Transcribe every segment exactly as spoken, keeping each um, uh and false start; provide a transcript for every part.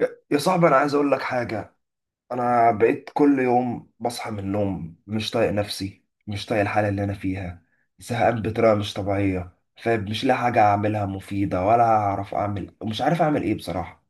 يا يا صاحبي، انا عايز اقول لك حاجه. انا بقيت كل يوم بصحى من النوم مش طايق نفسي، مش طايق الحاله اللي انا فيها. زهقان بطريقه مش طبيعيه. فمش لاقي حاجه اعملها مفيده ولا اعرف اعمل مش عارف اعمل ايه بصراحه.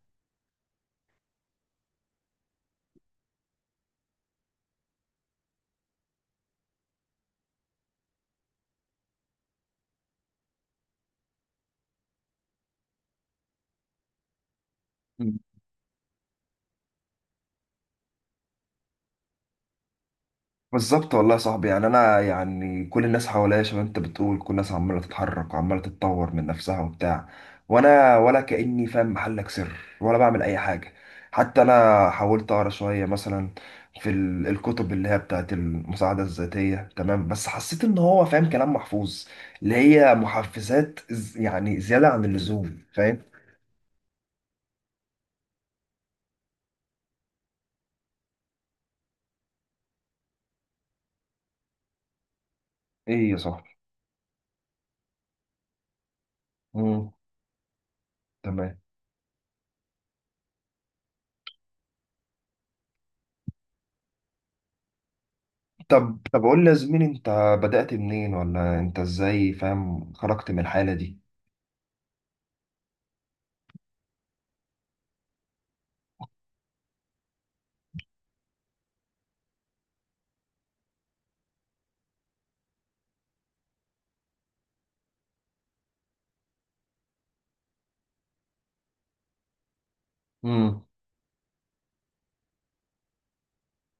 بالظبط والله يا صاحبي، يعني انا يعني كل الناس حواليا شباب، انت بتقول كل الناس عماله تتحرك وعماله تتطور من نفسها وبتاع. وانا ولا كاني فاهم، محلك سر، ولا بعمل اي حاجه. حتى انا حاولت اقرا شويه مثلا في ال- الكتب اللي هي بتاعت المساعده الذاتيه، تمام؟ بس حسيت ان هو فاهم كلام محفوظ، اللي هي محفزات ز- يعني زياده عن اللزوم، فاهم؟ ايه يا صاحبي. امم. تمام. طب طب قول لي يا زميلي، انت بدأت منين ولا انت ازاي فاهم خرجت من الحالة دي؟ امم.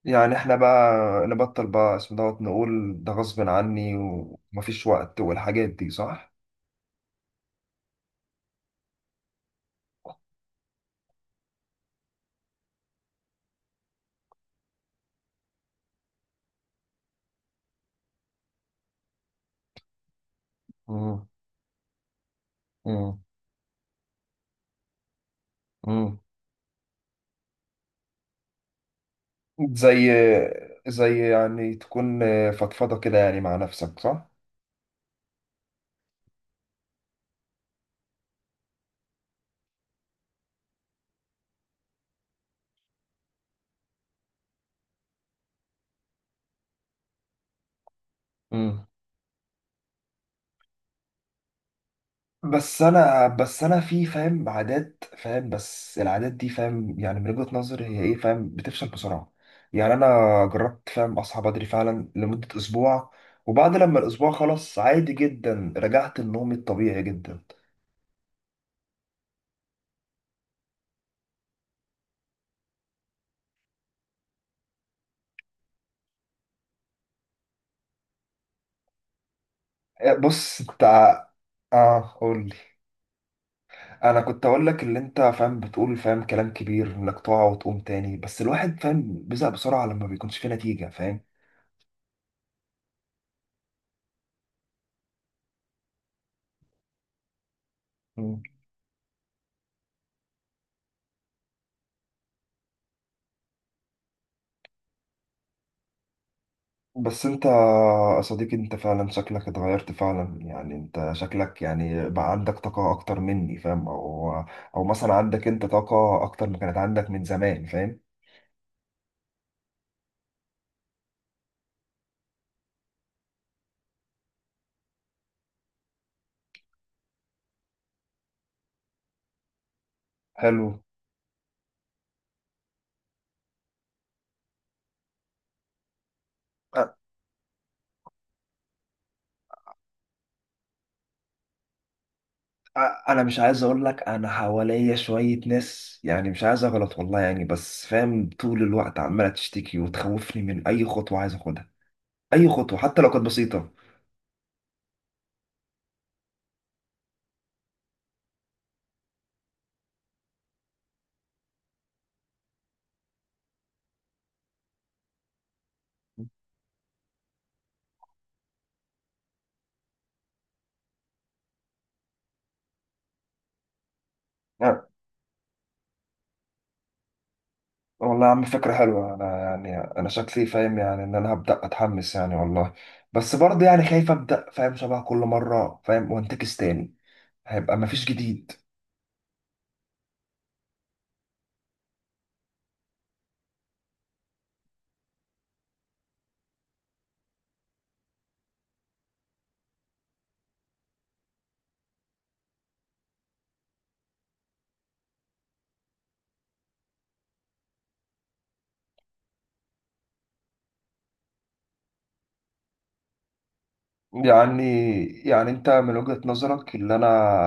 يعني احنا بقى نبطل بقى اسم دوت، نقول ده غصب عني ومفيش وقت والحاجات دي، صح؟ امم. امم. امم. زي زي يعني تكون فضفضة كده يعني مع نفسك، صح؟ بس انا بس انا في فاهم عادات فاهم، بس العادات دي فاهم يعني من وجهة نظري هي ايه فاهم، بتفشل بسرعة. يعني انا جربت فاهم اصحى بدري فعلا لمدة اسبوع، وبعد لما الاسبوع خلص عادي جدا رجعت لنومي الطبيعي جدا. إيه، بص انت ع- اه قول لي. انا كنت اقول لك اللي انت فاهم بتقول فاهم كلام كبير انك تقع وتقوم تاني، بس الواحد فاهم بيزهق بسرعة لما بيكونش فيه نتيجة، فاهم؟ بس انت يا صديقي، انت فعلا شكلك اتغيرت فعلا، يعني انت شكلك يعني بقى عندك طاقة اكتر مني فاهم، او او مثلا عندك انت طاقة اكتر ما كانت عندك من زمان، فاهم؟ حلو. أ- أ- انا مش عايز اقول لك، انا حواليا شوية ناس يعني مش عايز اغلط والله يعني، بس فاهم طول الوقت عمالة تشتكي وتخوفني من اي خطوة عايز اخدها، اي خطوة حتى لو كانت بسيطة. والله يا عم فكرة حلوة، أنا يعني أنا شكلي فاهم يعني إن أنا هبدأ أتحمس يعني والله، بس برضه يعني خايف أبدأ فاهم شبه كل مرة فاهم وأنتكس تاني. هيبقى مفيش جديد. يعني يعني أنت من وجهة نظرك اللي أنا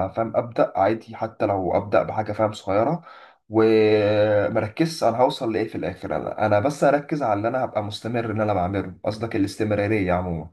فاهم أبدأ عادي حتى لو أبدأ بحاجة فاهم صغيرة ومركز، أنا هوصل لإيه في الآخر؟ أنا أنا بس أركز على اللي أنا هبقى مستمر إن أنا بعمله، قصدك الاستمرارية عموما.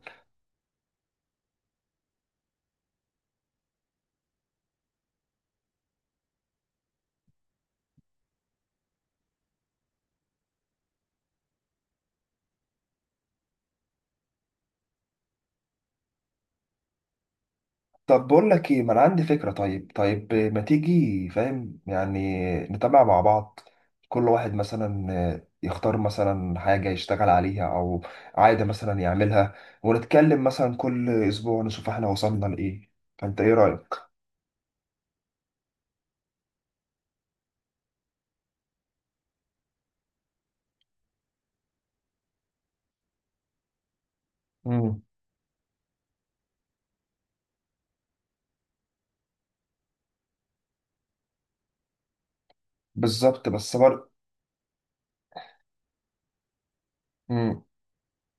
طب بقول لك ايه، ما انا عندي فكرة. طيب طيب ما تيجي فاهم يعني نتابع مع بعض، كل واحد مثلا آه، يختار مثلا حاجة يشتغل عليها او عادة مثلا يعملها، ونتكلم مثلا كل اسبوع نشوف احنا وصلنا لايه. فانت ايه رأيك؟ امم. بالظبط بس بر... مم.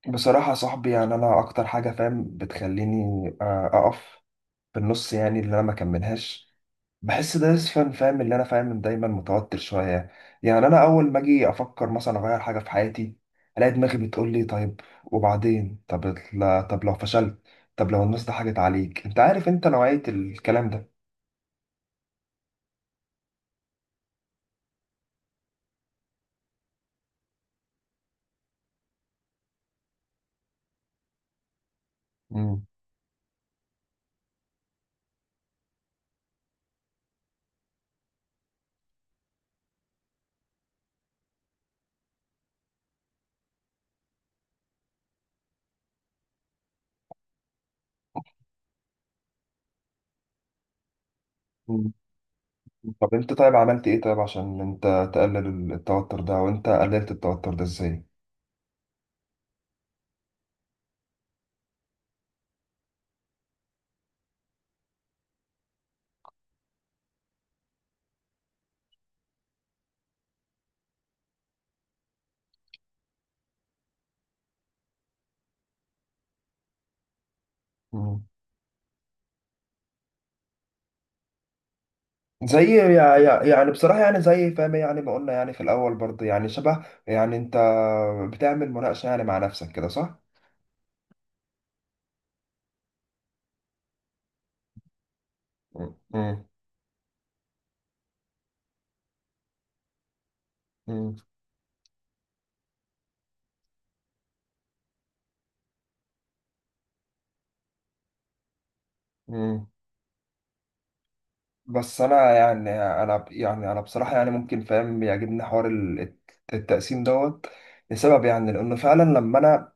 بصراحة يا صاحبي، يعني انا اكتر حاجة فاهم بتخليني آه، اقف في النص يعني اللي انا ما كملهاش، بحس ده اسفن فاهم، اللي انا فاهم دايما متوتر شويه. يعني انا اول ما اجي افكر مثلا اغير حاجه في حياتي الاقي دماغي بتقول لي طيب وبعدين؟ طب لا، طب لو فشلت، طب لو الناس ضحكت عليك، انت عارف انت نوعيه الكلام ده. مم. مم. طب انت طيب عملت ايه طيب عشان انت تقلل التوتر ده، وانت قللت التوتر ده ازاي؟ مم. زي يع- يع- يعني بصراحة يعني زي فاهم يعني ما قلنا يعني في الأول برضه يعني شبه يعني أنت بتعمل مناقشة يعني مع نفسك كده، صح؟ مم. مم. مم. بس انا يعني انا ب- يعني انا بصراحه يعني ممكن فاهم بيعجبني حوار ال- الت- التقسيم دوت، لسبب يعني لانه فعلا لما انا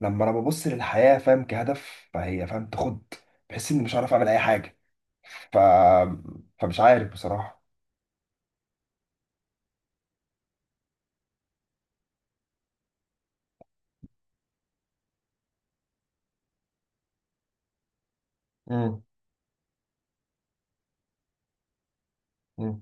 لما انا ببص للحياه فاهم كهدف فهي فاهم تاخد، بحس اني مش عارف اعمل اي حاجه. ف فمش عارف بصراحه. مم. مم.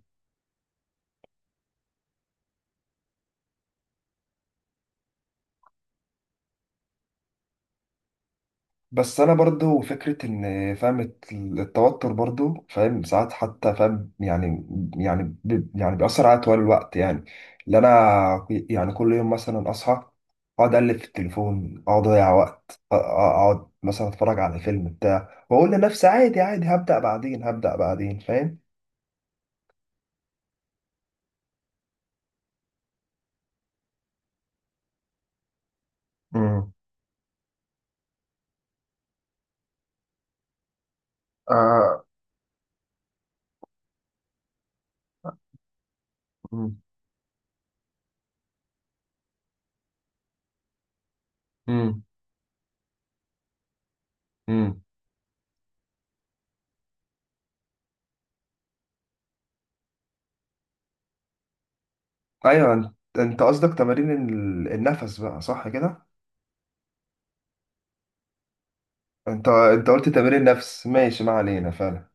بس انا برضو فكره ان فاهم الت- التوتر برضو فاهم ساعات حتى فاهم، يعني يعني بي- يعني بيأثر عليا طوال الوقت يعني، اللي انا يعني كل يوم مثلا اصحى اقعد اقلب في التليفون، اقعد اضيع وقت، أ- أ- اقعد مثلا اتفرج على فيلم بتاع واقول لنفسي عادي عادي هبدأ بعدين هبدأ بعدين، فاهم؟ امم. آه. مم. مم. مم. ايوه انت، أنت قصدك تمارين ال- النفس بقى، صح كده؟ انت انت قلت تمارين النفس، ماشي، ما علينا فعلا.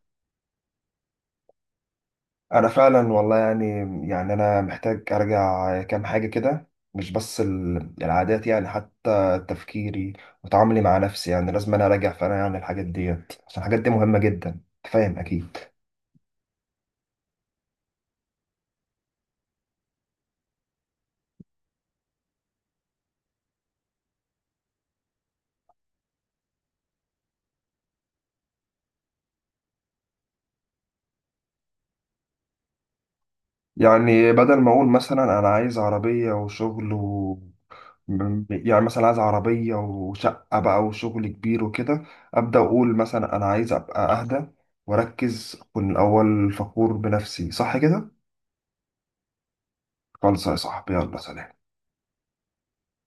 انا فعلا والله يعني، يعني انا محتاج ارجع كام حاجه كده، مش بس ال- العادات يعني حتى تفكيري وتعاملي مع نفسي، يعني لازم انا اراجع فعلا يعني الحاجات ديت، عشان الحاجات دي مهمه جدا أنت فاهم اكيد. يعني بدل ما اقول مثلا انا عايز عربيه وشغل و... م- يعني مثلا عايز عربيه وشقه بقى وشغل كبير وكده، ابدا اقول مثلا انا عايز ابقى اهدى واركز، اكون الاول فخور بنفسي، صح كده؟ خلص يا صاحبي، يلا سلام.